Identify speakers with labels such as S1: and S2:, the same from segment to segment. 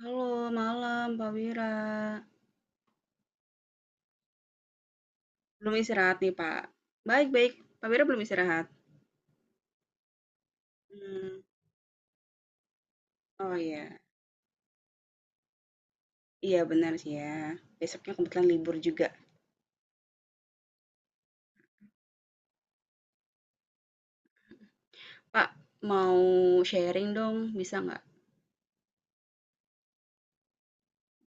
S1: Halo, malam Pak Wira. Belum istirahat nih, Pak. Baik-baik. Pak Wira belum istirahat. Hmm. Oh iya, iya benar sih ya. Besoknya kebetulan libur juga. Pak, mau sharing dong, bisa nggak?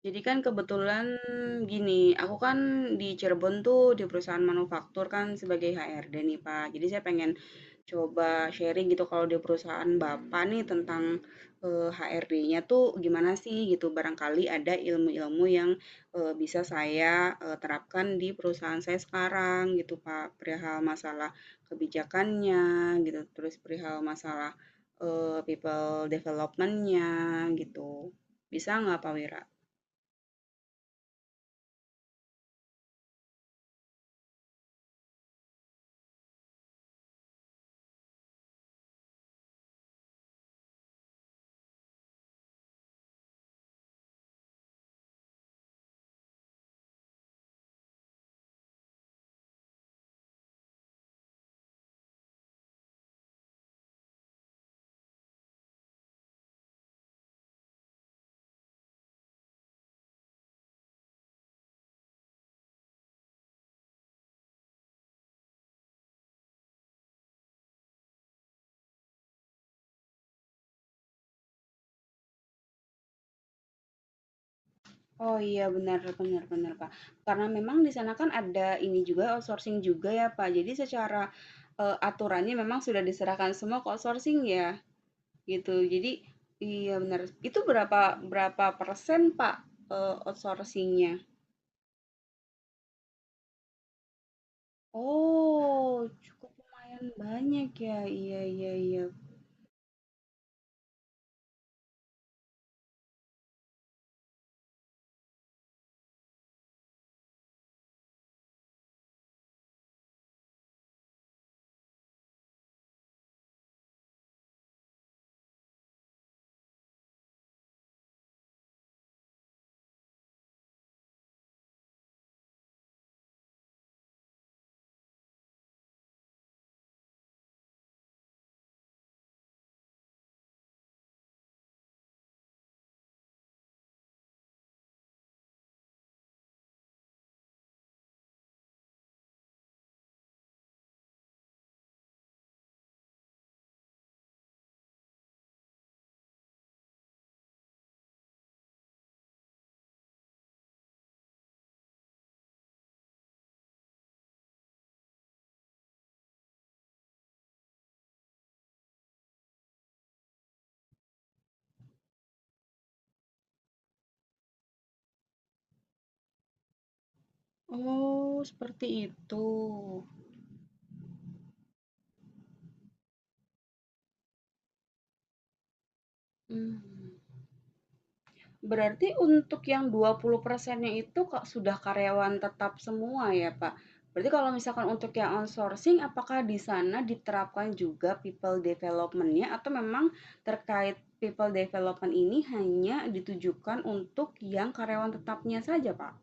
S1: Jadi kan kebetulan gini, aku kan di Cirebon tuh di perusahaan manufaktur kan sebagai HRD nih Pak. Jadi saya pengen coba sharing gitu kalau di perusahaan Bapak nih tentang HRD-nya tuh gimana sih gitu. Barangkali ada ilmu-ilmu yang bisa saya terapkan di perusahaan saya sekarang gitu Pak. Perihal masalah kebijakannya gitu, terus perihal masalah people development-nya gitu. Bisa nggak Pak Wira? Oh iya benar benar benar, Pak. Karena memang di sana kan ada ini juga, outsourcing juga ya, Pak. Jadi secara, aturannya memang sudah diserahkan semua ke outsourcing ya, gitu. Jadi iya benar. Itu berapa berapa persen, Pak, outsourcing? Oh, cukup lumayan banyak ya. Iya iya iya. Oh, seperti itu. Mmm. Berarti untuk yang 20%-nya itu Kak, sudah karyawan tetap semua ya, Pak? Berarti kalau misalkan untuk yang outsourcing, apakah di sana diterapkan juga people development-nya atau memang terkait people development ini hanya ditujukan untuk yang karyawan tetapnya saja, Pak?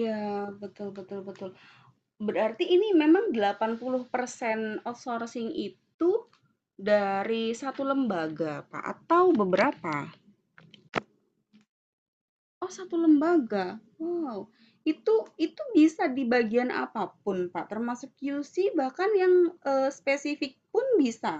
S1: Ya, betul betul betul. Berarti ini memang 80% outsourcing itu dari satu lembaga, Pak, atau beberapa? Oh, satu lembaga? Wow. Itu bisa di bagian apapun, Pak, termasuk QC bahkan yang, spesifik pun bisa?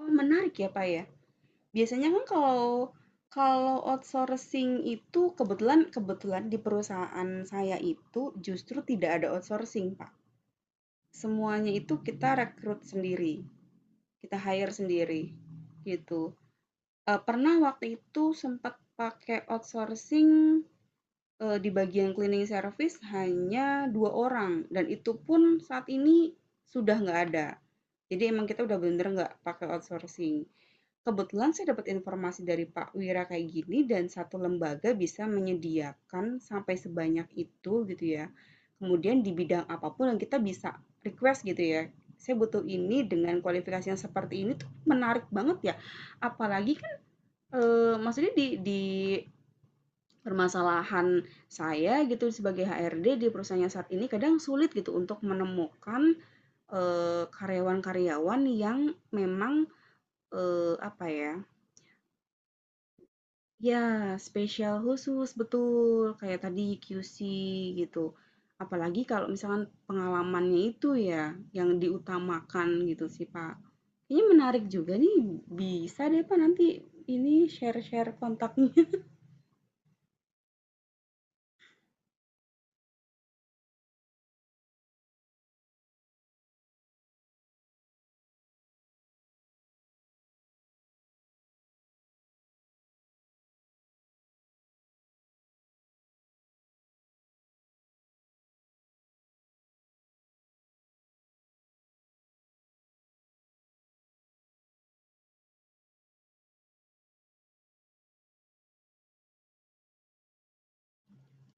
S1: Oh, menarik ya, Pak, ya. Biasanya kan kalau kalau outsourcing itu kebetulan kebetulan di perusahaan saya itu justru tidak ada outsourcing, Pak. Semuanya itu kita rekrut sendiri, kita hire sendiri, gitu. Pernah waktu itu sempat pakai outsourcing. Di bagian cleaning service hanya 2 orang dan itu pun saat ini sudah nggak ada. Jadi emang kita udah bener-bener nggak pakai outsourcing. Kebetulan saya dapat informasi dari Pak Wira kayak gini dan satu lembaga bisa menyediakan sampai sebanyak itu gitu ya. Kemudian di bidang apapun yang kita bisa request gitu ya, "Saya butuh ini dengan kualifikasi yang seperti ini," tuh menarik banget ya. Apalagi kan, maksudnya di permasalahan saya gitu sebagai HRD di perusahaannya saat ini kadang sulit gitu untuk menemukan, karyawan-karyawan yang memang, apa ya, ya, spesial khusus, betul, kayak tadi QC gitu. Apalagi kalau misalkan pengalamannya itu ya yang diutamakan gitu sih, Pak. Ini menarik juga nih, bisa deh, Pak, nanti ini share-share kontaknya.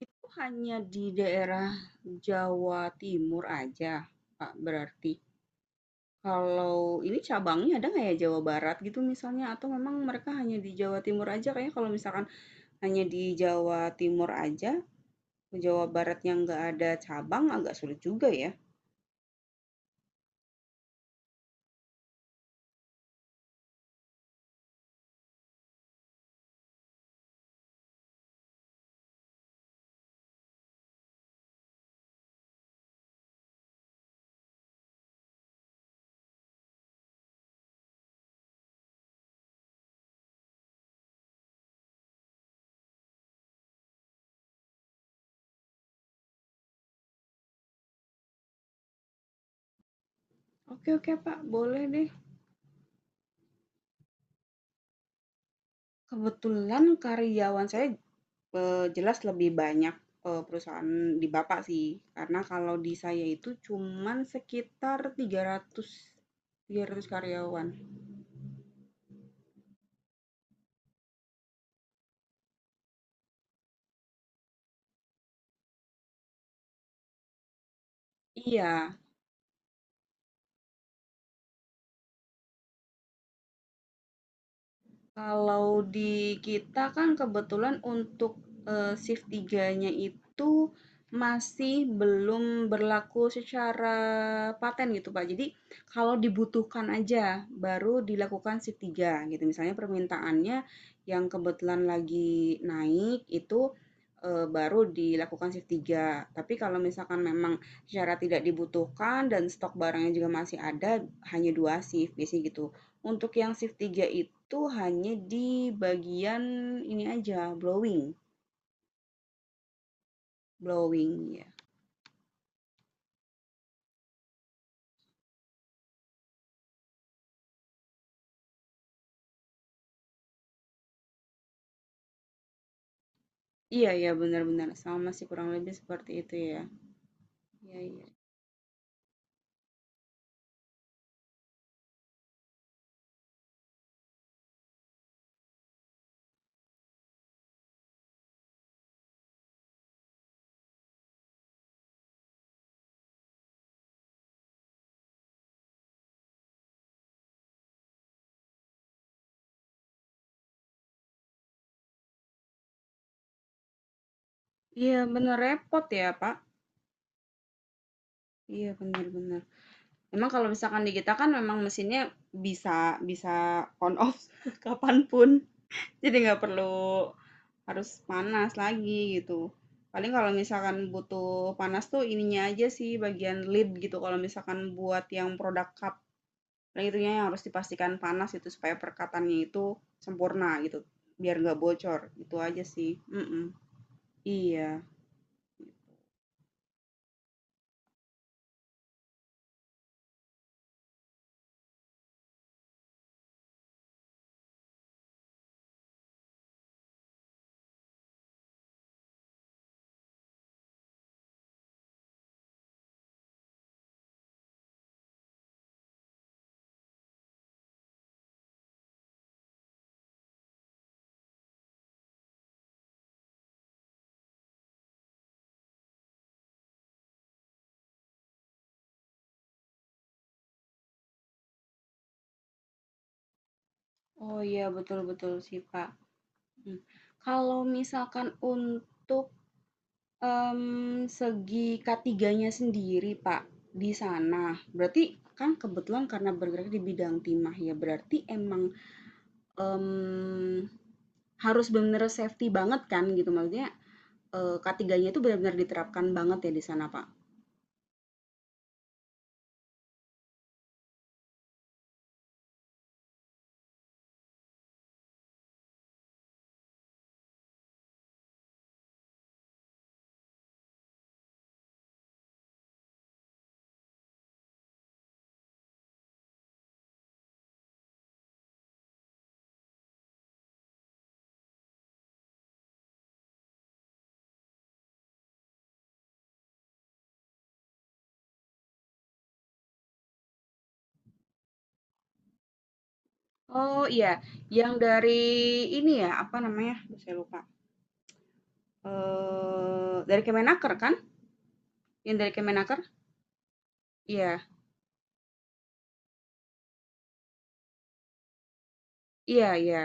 S1: Itu hanya di daerah Jawa Timur aja, Pak, berarti? Kalau ini cabangnya ada nggak ya Jawa Barat gitu misalnya? Atau memang mereka hanya di Jawa Timur aja? Kayaknya kalau misalkan hanya di Jawa Timur aja, ke Jawa Baratnya nggak ada cabang agak sulit juga ya. Oke oke Pak, boleh deh. Kebetulan karyawan saya jelas lebih banyak, perusahaan di Bapak sih, karena kalau di saya itu cuman sekitar 300, 300 karyawan. Iya. Kalau di kita kan kebetulan untuk, shift tiganya itu masih belum berlaku secara paten gitu, Pak. Jadi kalau dibutuhkan aja baru dilakukan shift 3 gitu. Misalnya permintaannya yang kebetulan lagi naik itu, baru dilakukan shift 3. Tapi kalau misalkan memang secara tidak dibutuhkan dan stok barangnya juga masih ada, hanya 2 shift biasanya gitu. Untuk yang shift 3 itu hanya di bagian ini aja, blowing blowing ya. Iya ya benar-benar sama sih kurang lebih seperti itu ya. Iya iya. Iya benar repot ya Pak. Iya benar-benar. Memang kalau misalkan di kita kan memang mesinnya bisa bisa on off kapanpun. Jadi nggak perlu harus panas lagi gitu. Paling kalau misalkan butuh panas tuh ininya aja sih bagian lid gitu. Kalau misalkan buat yang produk cup. Nah, itunya yang harus dipastikan panas itu supaya perkataannya itu sempurna gitu, biar nggak bocor, itu aja sih, mhm, iya. Oh iya, betul betul sih, Kak, mhm. Kalau misalkan untuk, segi katiganya sendiri, Pak, di sana, berarti kan kebetulan karena bergerak di bidang timah ya, berarti emang, mmm, harus benar-benar safety banget kan gitu, maksudnya, eee, k itu benar-benar diterapkan banget ya di sana, Pak? Oh, iya, yang dari ini ya, apa namanya? Aduh, saya lupa. Dari Kemenaker kan? Yang dari Kemenaker? Iya, iya iya.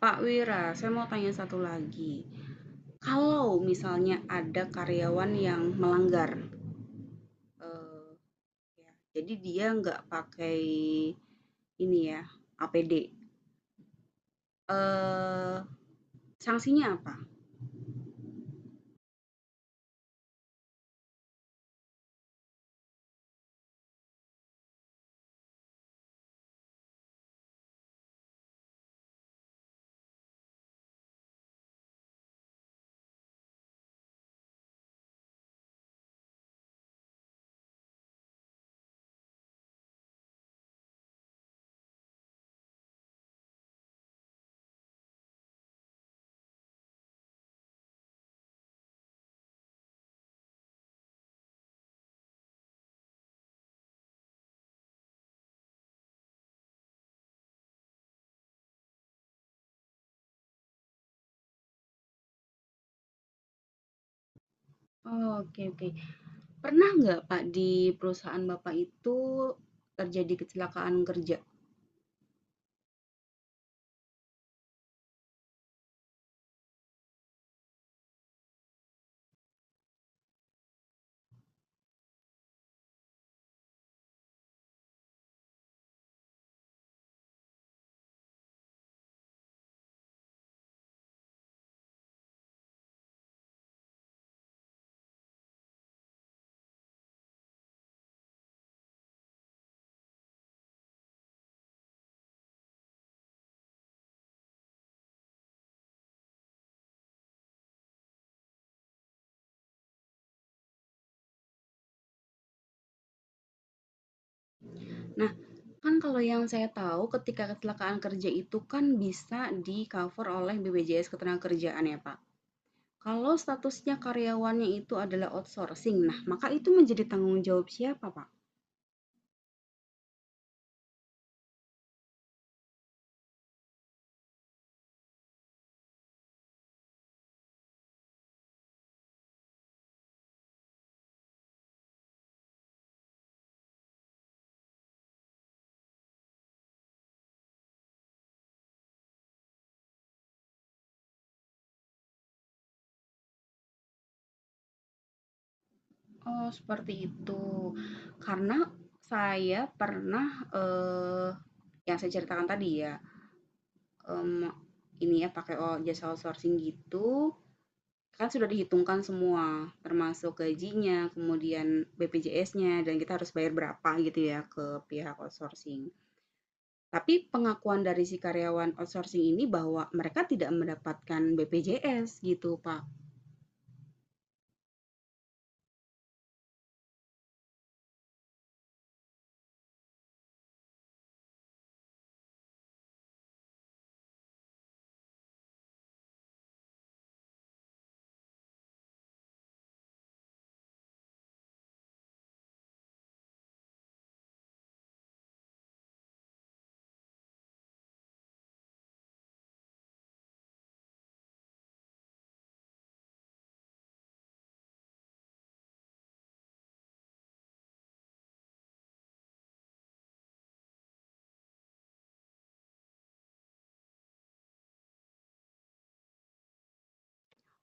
S1: Pak Wira, saya mau tanya satu lagi. Kalau misalnya ada karyawan yang melanggar, eee, ya, jadi dia nggak pakai ini ya, APD, eee, sanksinya apa? Oh, oke oke. Pernah nggak, Pak, di perusahaan Bapak itu terjadi kecelakaan kerja? Nah, kan kalau yang saya tahu ketika kecelakaan kerja itu kan bisa di-cover oleh BPJS Ketenagakerjaan ya, Pak. Kalau statusnya karyawannya itu adalah outsourcing, nah maka itu menjadi tanggung jawab siapa, Pak? Oh, seperti itu. Karena saya pernah yang saya ceritakan tadi ya, em, ini ya pakai jasa outsourcing gitu. Kan sudah dihitungkan semua, termasuk gajinya, kemudian BPJS-nya, dan kita harus bayar berapa gitu ya ke pihak outsourcing. Tapi pengakuan dari si karyawan outsourcing ini bahwa mereka tidak mendapatkan BPJS gitu, Pak.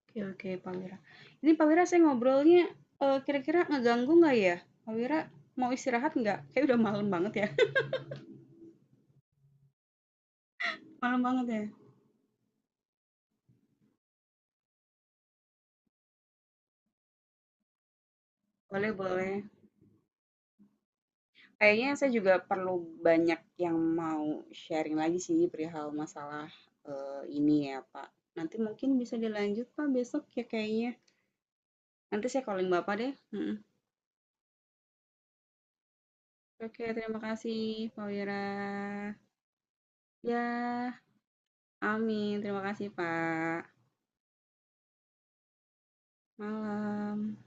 S1: Oke oke, Pak Wira. Ini Pak Wira saya ngobrolnya, kira-kira ngeganggu nggak ya? Pak Wira mau istirahat nggak? Kayaknya udah malam banget ya? Malam banget ya? Boleh boleh. Kayaknya saya juga perlu banyak yang mau sharing lagi sih perihal masalah ini ya, Pak. Nanti mungkin bisa dilanjut, Pak, besok ya kayaknya. Nanti saya calling Bapak deh. Mm-mm. Oke, terima kasih, Pak Wira. Ya, amin. Terima kasih, Pak. Malam.